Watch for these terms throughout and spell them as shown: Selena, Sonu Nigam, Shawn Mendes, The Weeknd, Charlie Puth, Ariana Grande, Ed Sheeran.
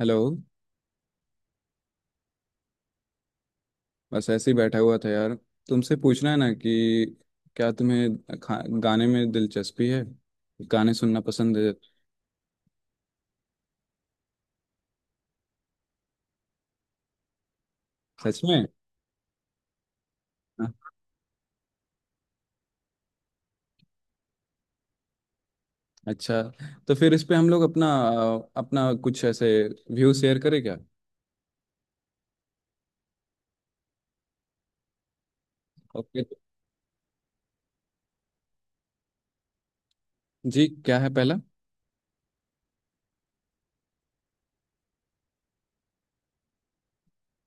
Hello. बस ऐसे ही बैठा हुआ था यार। तुमसे पूछना है ना कि क्या तुम्हें गाने में दिलचस्पी है, गाने सुनना पसंद है? सच में? हाँ, अच्छा। तो फिर इस पे हम लोग अपना अपना कुछ ऐसे व्यू शेयर करें क्या? ओके। जी क्या है पहला?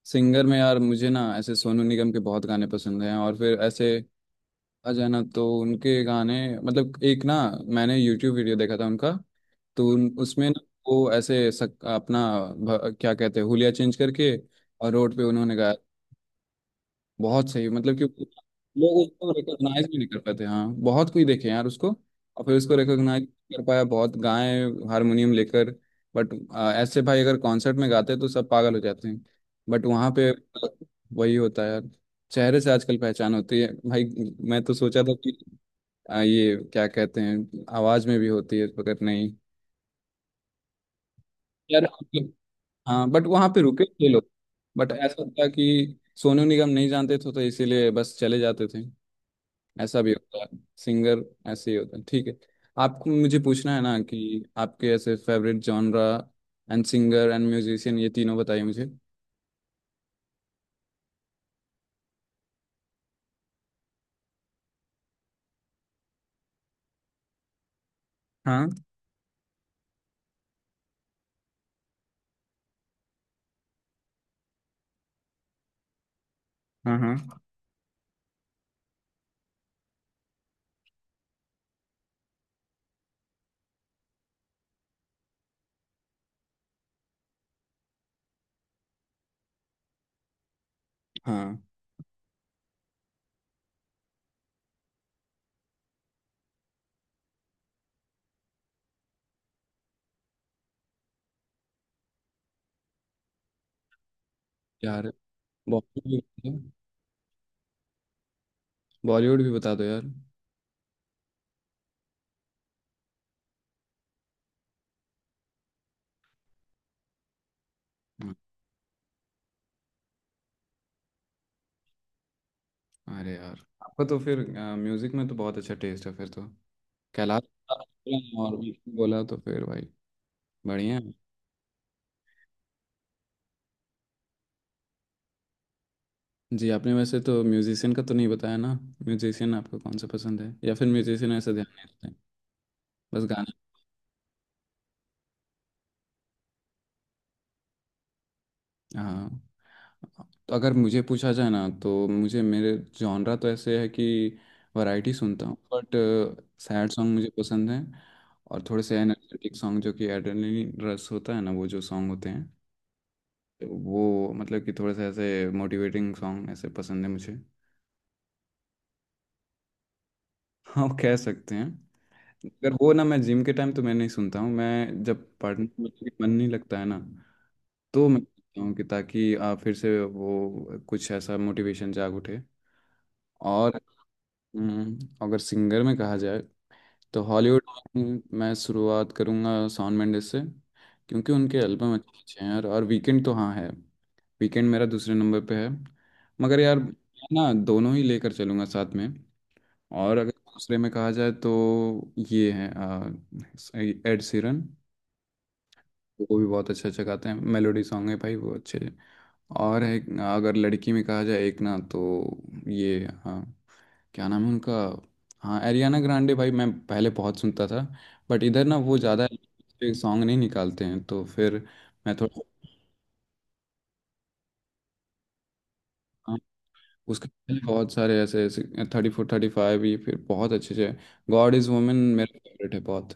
सिंगर में यार मुझे ना ऐसे सोनू निगम के बहुत गाने पसंद हैं, और फिर ऐसे आ जाना तो उनके गाने, मतलब एक ना, मैंने यूट्यूब वीडियो देखा था उनका। तो उसमें ना वो ऐसे अपना क्या कहते हैं, हुलिया चेंज करके और रोड पे उन्होंने गाया। बहुत सही, मतलब कि लोग उसको रिकॉग्नाइज भी नहीं कर पाते, हाँ, बहुत कोई देखे यार उसको, और फिर उसको रिकॉग्नाइज कर पाया। बहुत गाए हारमोनियम लेकर, बट ऐसे भाई, अगर कॉन्सर्ट में गाते तो सब पागल हो जाते हैं, बट वहाँ पे वही होता है यार। चेहरे से आजकल पहचान होती है भाई। मैं तो सोचा था कि ये क्या कहते हैं, आवाज में भी होती है, मगर नहीं यार। हाँ, बट वहाँ पे रुके थे लोग, बट ऐसा था कि सोनू निगम नहीं जानते थे, तो इसीलिए बस चले जाते थे। ऐसा भी होता है सिंगर, ऐसे ही होता है, ठीक है। आपको मुझे पूछना है ना कि आपके ऐसे favourite genre and singer and musician, ये तीनों बताइए मुझे। हाँ हाँ हाँ हाँ यार। बॉलीवुड, बॉलीवुड भी बता दो यार। हाँ, अरे यार, आपका तो फिर म्यूजिक में तो बहुत अच्छा टेस्ट है, फिर तो। कैलाश और बोला तो फिर भाई, बढ़िया है। जी, आपने वैसे तो म्यूजिशियन का तो नहीं बताया ना? म्यूजिशियन आपको कौन सा पसंद है, या फिर म्यूजिशियन ऐसा ध्यान नहीं रखते हैं, बस गाने? हाँ। तो अगर मुझे पूछा जाए ना, तो मुझे, मेरे जॉनरा तो ऐसे है कि वैरायटी सुनता हूँ, बट सैड सॉन्ग मुझे पसंद है, और थोड़े से एनर्जेटिक सॉन्ग जो कि एड्रेनलिन रश होता है ना, वो जो सॉन्ग होते हैं, वो, मतलब कि थोड़े से ऐसे मोटिवेटिंग सॉन्ग ऐसे पसंद है मुझे। हाँ, कह सकते हैं। अगर वो ना, मैं जिम के टाइम तो मैं नहीं सुनता हूँ, मैं जब पढ़ने में मन नहीं लगता है ना, तो मैं सुनता हूँ कि ताकि फिर से वो कुछ ऐसा मोटिवेशन जाग उठे। और हम्म, अगर सिंगर में कहा जाए, तो हॉलीवुड में मैं शुरुआत करूँगा शॉन मेंडिस से, क्योंकि उनके एल्बम अच्छे अच्छे हैं यार। और वीकेंड तो हाँ है, वीकेंड मेरा दूसरे नंबर पे है, मगर यार मैं ना दोनों ही लेकर चलूँगा साथ में। और अगर दूसरे में कहा जाए, तो ये है एड सीरन, वो भी बहुत अच्छा अच्छा गाते हैं, मेलोडी सॉन्ग है भाई वो अच्छे। और है, अगर लड़की में कहा जाए एक ना, तो ये हाँ क्या नाम है उनका, हाँ एरियाना ग्रांडे, भाई मैं पहले बहुत सुनता था, बट इधर ना वो ज़्यादा सॉन्ग नहीं निकालते हैं, तो फिर मैं थोड़ा। हाँ, उसके पहले बहुत सारे ऐसे ऐसे थर्टी फोर थर्टी फाइव, ये फिर बहुत अच्छे अच्छे। गॉड इज़ वुमेन मेरा फेवरेट है बहुत।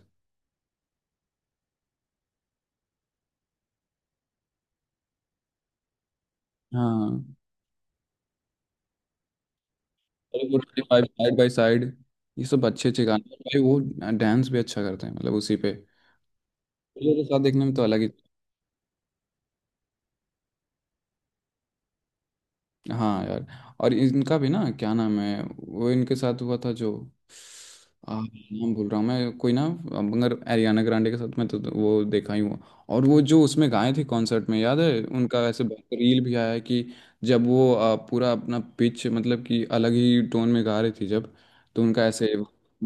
हाँ, thirty four thirty five, side by side, ये सब अच्छे अच्छे गाने हैं। भाई वो डांस भी अच्छा करते हैं, मतलब उसी पे दूसरों के साथ देखने में तो अलग ही। हाँ यार, और इनका भी ना, क्या नाम है वो, इनके साथ हुआ था जो, नाम भूल रहा हूँ मैं, कोई ना, मगर एरियाना ग्रांडे के साथ मैं तो वो देखा ही हुआ। और वो जो उसमें गाए थे कॉन्सर्ट में, याद है उनका ऐसे रील भी आया है, कि जब वो पूरा अपना पिच, मतलब कि अलग ही टोन में गा रही थी जब, तो उनका ऐसे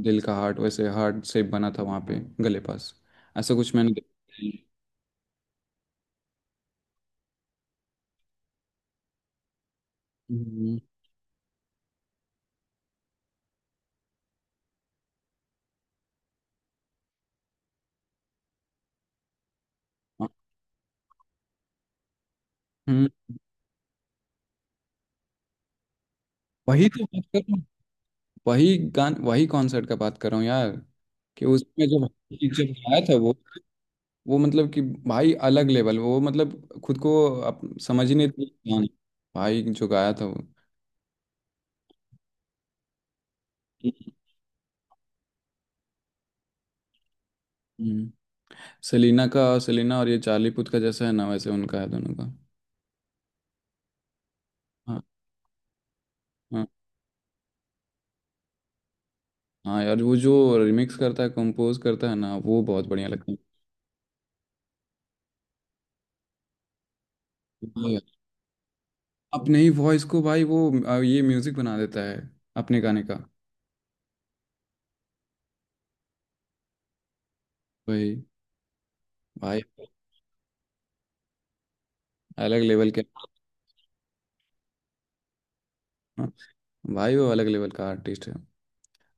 दिल का हार्ट, वैसे हार्ट शेप बना था वहाँ पे गले पास, ऐसा कुछ मैंने देखा है। हम्म, हम्म, वही तो बात कर रहा हूँ। वही गान, वही कॉन्सर्ट का बात कर रहा हूँ यार, कि उसमें जब जब आया था वो मतलब कि भाई अलग लेवल, वो मतलब खुद को अप, समझ ही नहीं था भाई जो गाया था वो। हम्म। सेलिना का, सेलिना और ये चार्ली पुथ का जैसा है ना, वैसे उनका है दोनों का। हाँ हाँ हाँ यार, वो जो रिमिक्स करता है, कंपोज करता है ना, वो बहुत बढ़िया लगता है। हाँ यार, अपने ही वॉइस को भाई वो ये म्यूजिक बना देता है अपने गाने का। वही, भाई अलग लेवल के। भाई वो अलग लेवल का आर्टिस्ट है,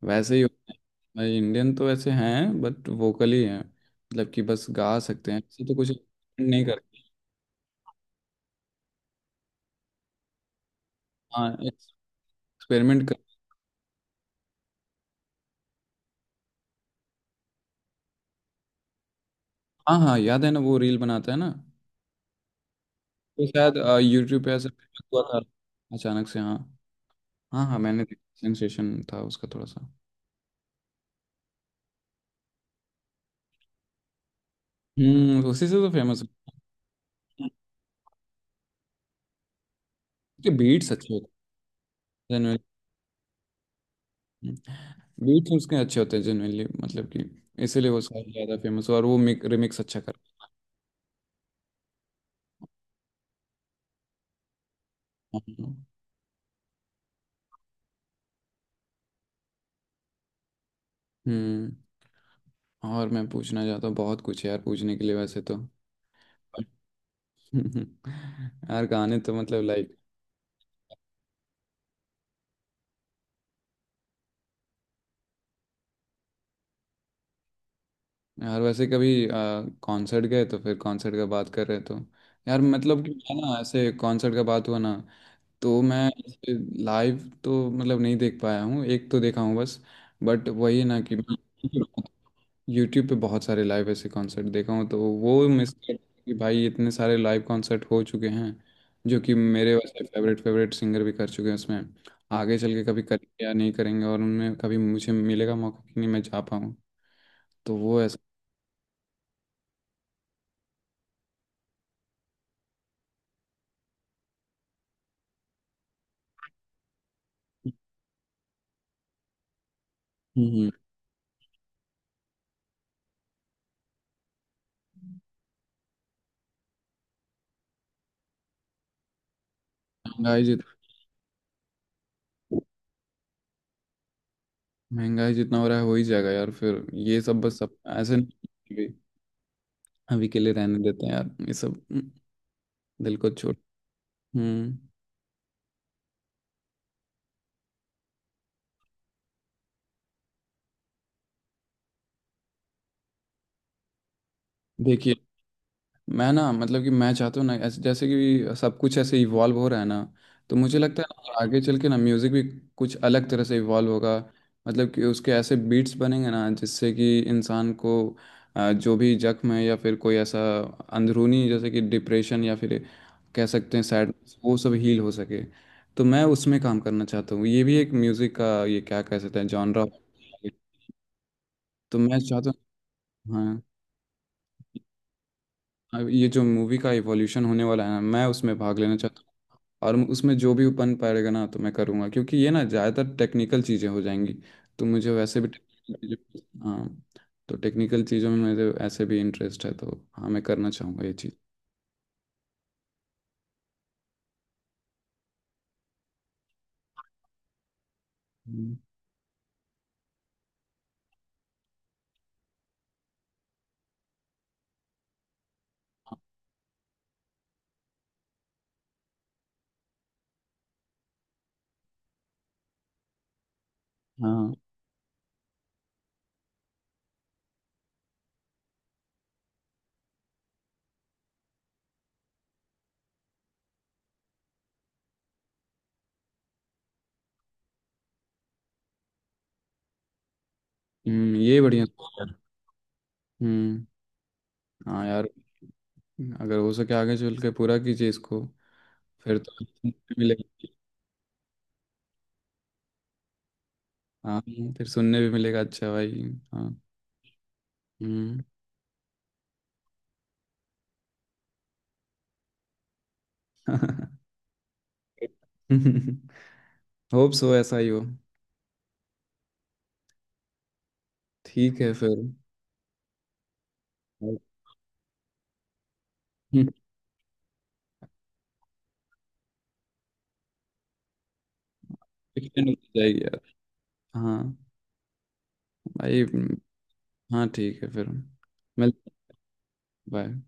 वैसे ही होते हैं भाई। इंडियन तो वैसे हैं, बट वोकली हैं, मतलब कि बस गा सकते हैं, ऐसे तो कुछ नहीं करते। हाँ, एक्सपेरिमेंट कर। हाँ हाँ, याद है ना, वो रील बनाता है ना, वो शायद यूट्यूब पे ऐसा हुआ था अचानक से, हाँ हाँ हाँ, मैंने देखा, सेंसेशन था उसका थोड़ा सा। हम्म, उसी से तो फेमस है। उसके बीट्स अच्छे होते हैं, बीट्स उसके अच्छे होते हैं जेनुअनली, मतलब कि इसीलिए वो शायद ज़्यादा फेमस हुआ, और वो रिमिक्स अच्छा करता है। हम्म, और मैं पूछना चाहता हूँ, बहुत कुछ है यार पूछने के लिए वैसे तो। यार गाने तो मतलब लाइक, यार वैसे कभी कॉन्सर्ट गए तो, फिर कॉन्सर्ट का बात कर रहे तो, यार मतलब कि मैं ना ऐसे, कॉन्सर्ट का बात हुआ ना, तो मैं लाइव तो मतलब नहीं देख पाया हूँ, एक तो देखा हूँ बस, बट वही ना कि यूट्यूब पे बहुत सारे लाइव ऐसे कॉन्सर्ट देखा हूँ, तो वो मिस कर कि भाई इतने सारे लाइव कॉन्सर्ट हो चुके हैं, जो कि मेरे वैसे फेवरेट फेवरेट सिंगर भी कर चुके हैं उसमें, आगे चल के कभी करेंगे या नहीं करेंगे, और उनमें कभी मुझे मिलेगा मौका कि नहीं, मैं जा पाऊँ। तो वो ऐसा। हम्म। महंगाई जित महंगाई जितना हो रहा है हो ही जाएगा यार, फिर ये सब बस, सब ऐसे नहीं कि, अभी के लिए रहने देते हैं यार ये सब। दिल को छोड़। हम्म। देखिए, मैं ना, मतलब कि मैं चाहता हूँ ना ऐसे, जैसे कि सब कुछ ऐसे इवॉल्व हो रहा है ना, तो मुझे लगता है ना आगे चल के ना म्यूज़िक भी कुछ अलग तरह से इवॉल्व होगा, मतलब कि उसके ऐसे बीट्स बनेंगे ना जिससे कि इंसान को जो भी जख्म है, या फिर कोई ऐसा अंदरूनी, जैसे कि डिप्रेशन या फिर कह सकते हैं सैडनेस, वो सब हील हो सके। तो मैं उसमें काम करना चाहता हूँ, ये भी एक म्यूज़िक का ये क्या कह सकते हैं जॉनरा। तो मैं चाहता हूँ हाँ। अब ये जो मूवी का इवोल्यूशन होने वाला है ना, मैं उसमें भाग लेना चाहता हूँ, और उसमें जो भी बन पाएगा ना तो मैं करूँगा, क्योंकि ये ना ज़्यादातर टेक्निकल चीज़ें हो जाएंगी, तो मुझे वैसे भी हाँ, तो टेक्निकल चीज़ों में मुझे ऐसे भी इंटरेस्ट है, तो हाँ मैं करना चाहूँगा ये चीज़। हम्म, हाँ, ये बढ़िया सोच है यार। हम्म, हाँ यार, अगर हो सके आगे चल के पूरा कीजिए इसको, फिर तो सुनने भी मिलेगा। हाँ, फिर सुनने भी मिलेगा, अच्छा भाई। हाँ। हम्म। होप सो, ऐसा ही हो। ठीक है फिर। एक्सटेंड हो जाएगी। हाँ भाई। हाँ ठीक है फिर, मिलते हैं, बाय।